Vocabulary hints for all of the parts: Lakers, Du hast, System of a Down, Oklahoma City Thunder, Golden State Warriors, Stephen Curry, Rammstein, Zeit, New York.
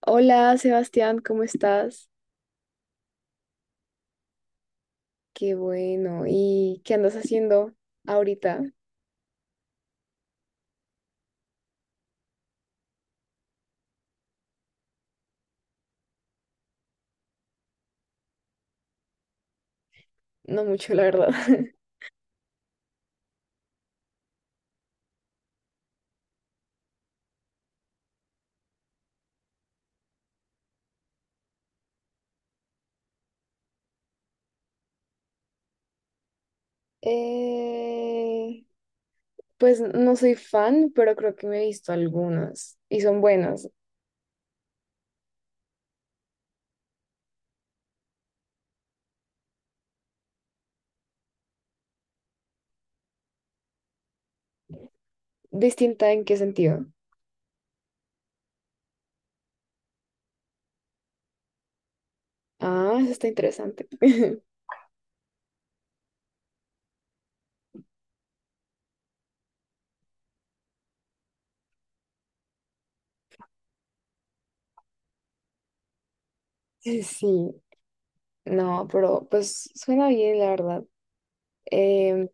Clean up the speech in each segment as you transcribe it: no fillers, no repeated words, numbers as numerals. Hola Sebastián, ¿cómo estás? Qué bueno. ¿Y qué andas haciendo ahorita? No mucho, la verdad. Eh, pues no soy fan, pero creo que me he visto algunas y son buenas. ¿Distinta en qué sentido? Ah, eso está interesante. Sí, no, pero pues suena bien, la verdad. Em,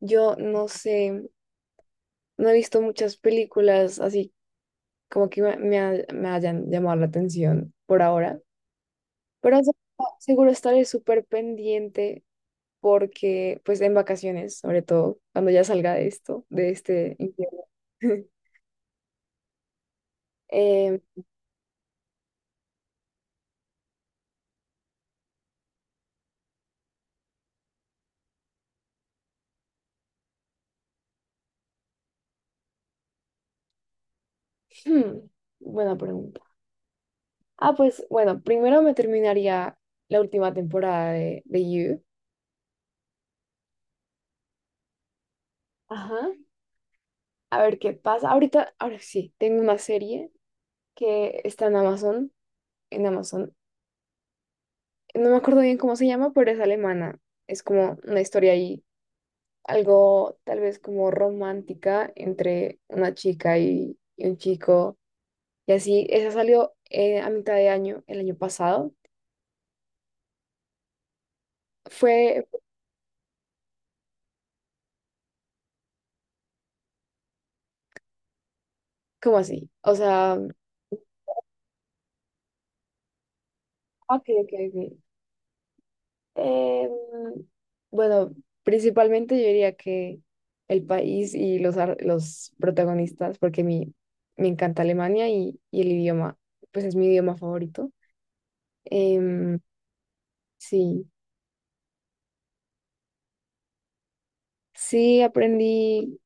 yo no sé, no he visto muchas películas así como que me hayan llamado la atención por ahora. Pero se- Seguro estaré súper pendiente porque, pues, en vacaciones, sobre todo, cuando ya salga de esto, de este infierno. Eh, hmm, buena pregunta. Ah, pues, bueno, primero me terminaría la última temporada de You. Ajá. A ver qué pasa. Ahorita, ahora sí, tengo una serie que está en Amazon, en Amazon. No me acuerdo bien cómo se llama, pero es alemana. Es como una historia ahí algo tal vez como romántica entre una chica y un chico. Y así, esa salió a mitad de año, el año pasado. Fue como así, o sea, ok, ok, ok. Em, bueno, principalmente yo diría que el país y los protagonistas, me encanta Alemania y el idioma, pues es mi idioma favorito. Em, sí, sí aprendí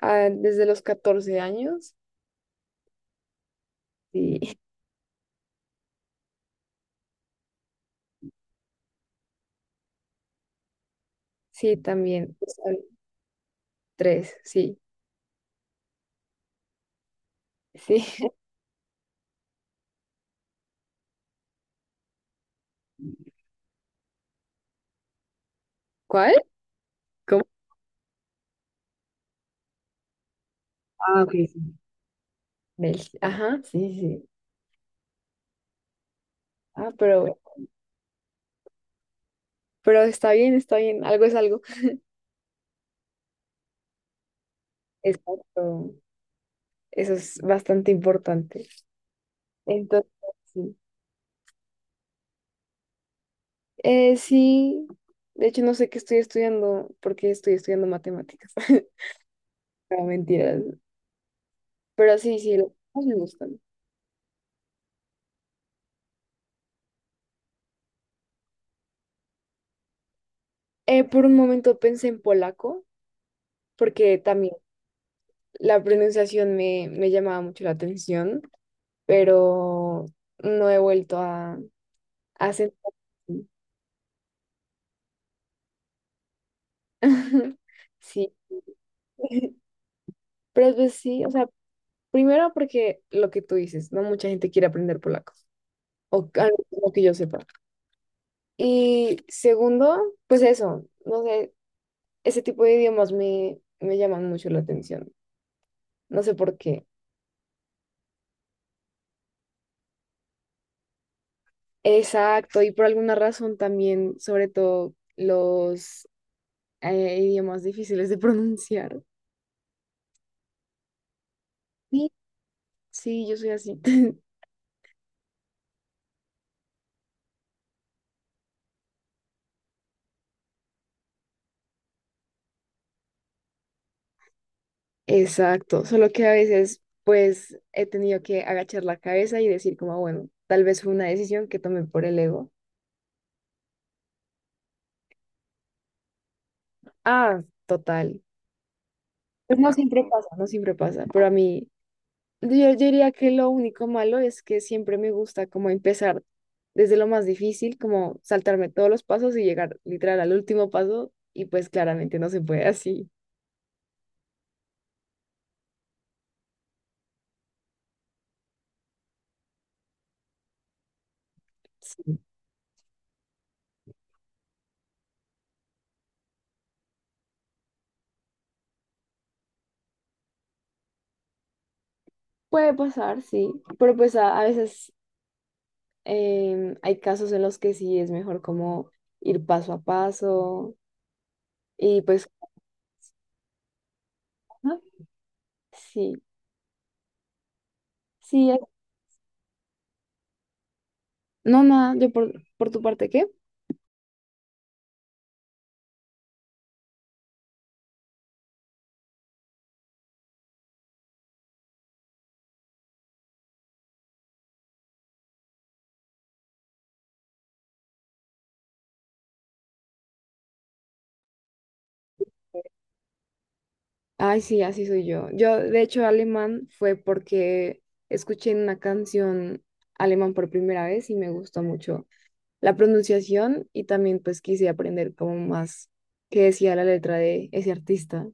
desde los 14 años. Sí, sí, también. Sol. Tres, sí, sí. ¿Cuál? ¿Cómo? Ah, ok, sí. Del- Ajá, sí, sí. Ah, pero está bien, está bien. Algo es algo. Exacto. Eso es bastante importante. Entonces, sí. Sí. De hecho, no sé qué estoy estudiando, porque estoy estudiando matemáticas. No, mentiras. Pero sí, sí, los dos me gustan. Por un momento pensé en polaco, porque también la pronunciación me llamaba mucho la atención. Pero no he vuelto a sentarme. Sí. Pero pues sí, o sea, primero porque lo que tú dices, no mucha gente quiere aprender polaco, o al menos lo que yo sepa. Y segundo, pues eso, no sé, ese tipo de idiomas me llaman mucho la atención, no sé por qué. Exacto, y por alguna razón también, sobre todo los idiomas difíciles de pronunciar. Sí, sí, yo soy así. Exacto, solo que a veces pues he tenido que agachar la cabeza y decir como, bueno, tal vez fue una decisión que tomé por el ego. Ah, total. Pues no siempre pasa, no siempre pasa, pero a mí yo diría que lo único malo es que siempre me gusta como empezar desde lo más difícil, como saltarme todos los pasos y llegar literal al último paso y pues claramente no se puede así. Sí. Puede pasar, sí, pero pues a veces hay casos en los que sí es mejor como ir paso a paso y pues ajá, sí, sí, es- no, nada, yo por tu parte, ¿qué? Ay, sí, así soy yo. Yo, de hecho, alemán fue porque escuché una canción alemán por primera vez y me gustó mucho la pronunciación y también pues quise aprender como más qué decía la letra de ese artista.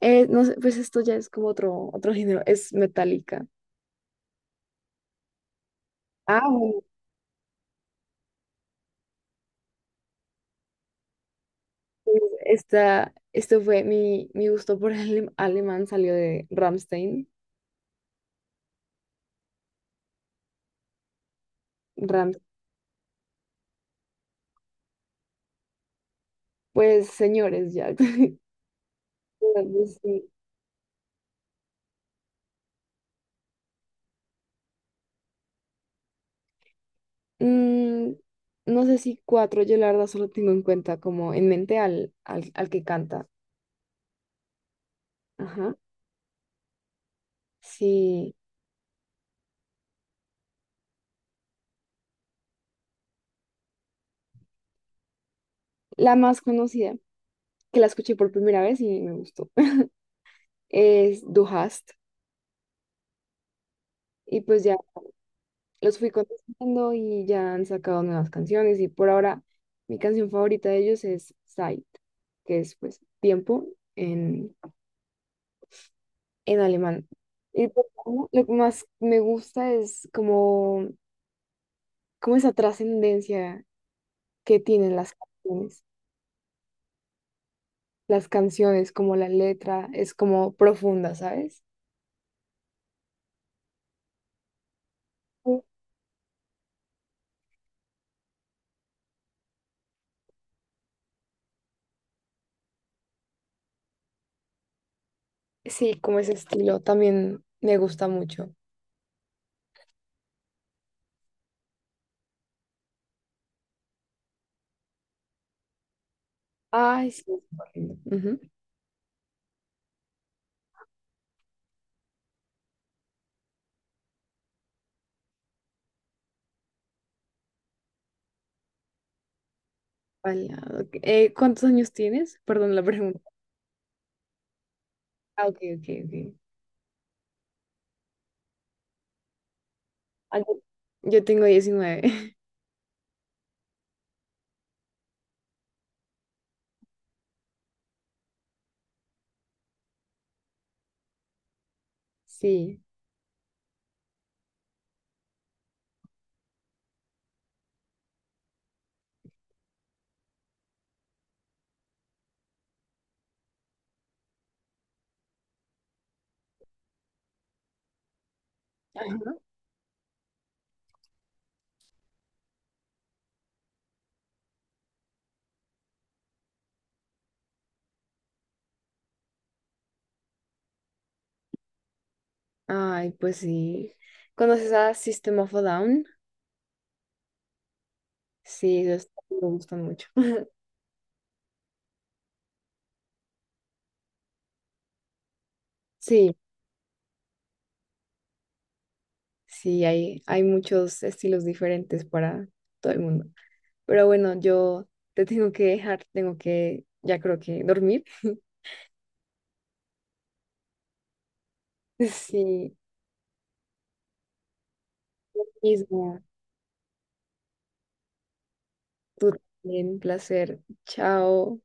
No sé, pues esto ya es como otro, otro género, es metálica. Pues, Esta, esto fue mi gusto por el alemán salió de Rammstein. Ram- pues señores, ya. Pues, sí. Mm, no sé si cuatro, yo la verdad solo tengo en cuenta como en mente al que canta. Ajá. Sí, la más conocida, que la escuché por primera vez y me gustó, es Du hast. Y pues ya. Los fui contestando y ya han sacado nuevas canciones y por ahora mi canción favorita de ellos es Zeit, que es pues tiempo en, en alemán. Y pues, como lo que más me gusta es como, como esa trascendencia que tienen las canciones. Las canciones, como la letra, es como profunda, ¿sabes? Sí, sí, como ese estilo también me gusta mucho. Ay, sí. Es. Ujú. Bailado. ¿Cuántos años tienes? Perdón la pregunta. Ah, ok, ok, ok. Ah, yo tengo 19. Sí. Ay, pues sí. ¿Conoces a System of a Down? Sí, esos me gustan mucho. Sí, sí, hay muchos estilos diferentes para todo el mundo. Pero bueno, yo te tengo que dejar, tengo que, ya creo que dormir. Sí, mismo. Tú también, placer. Chao.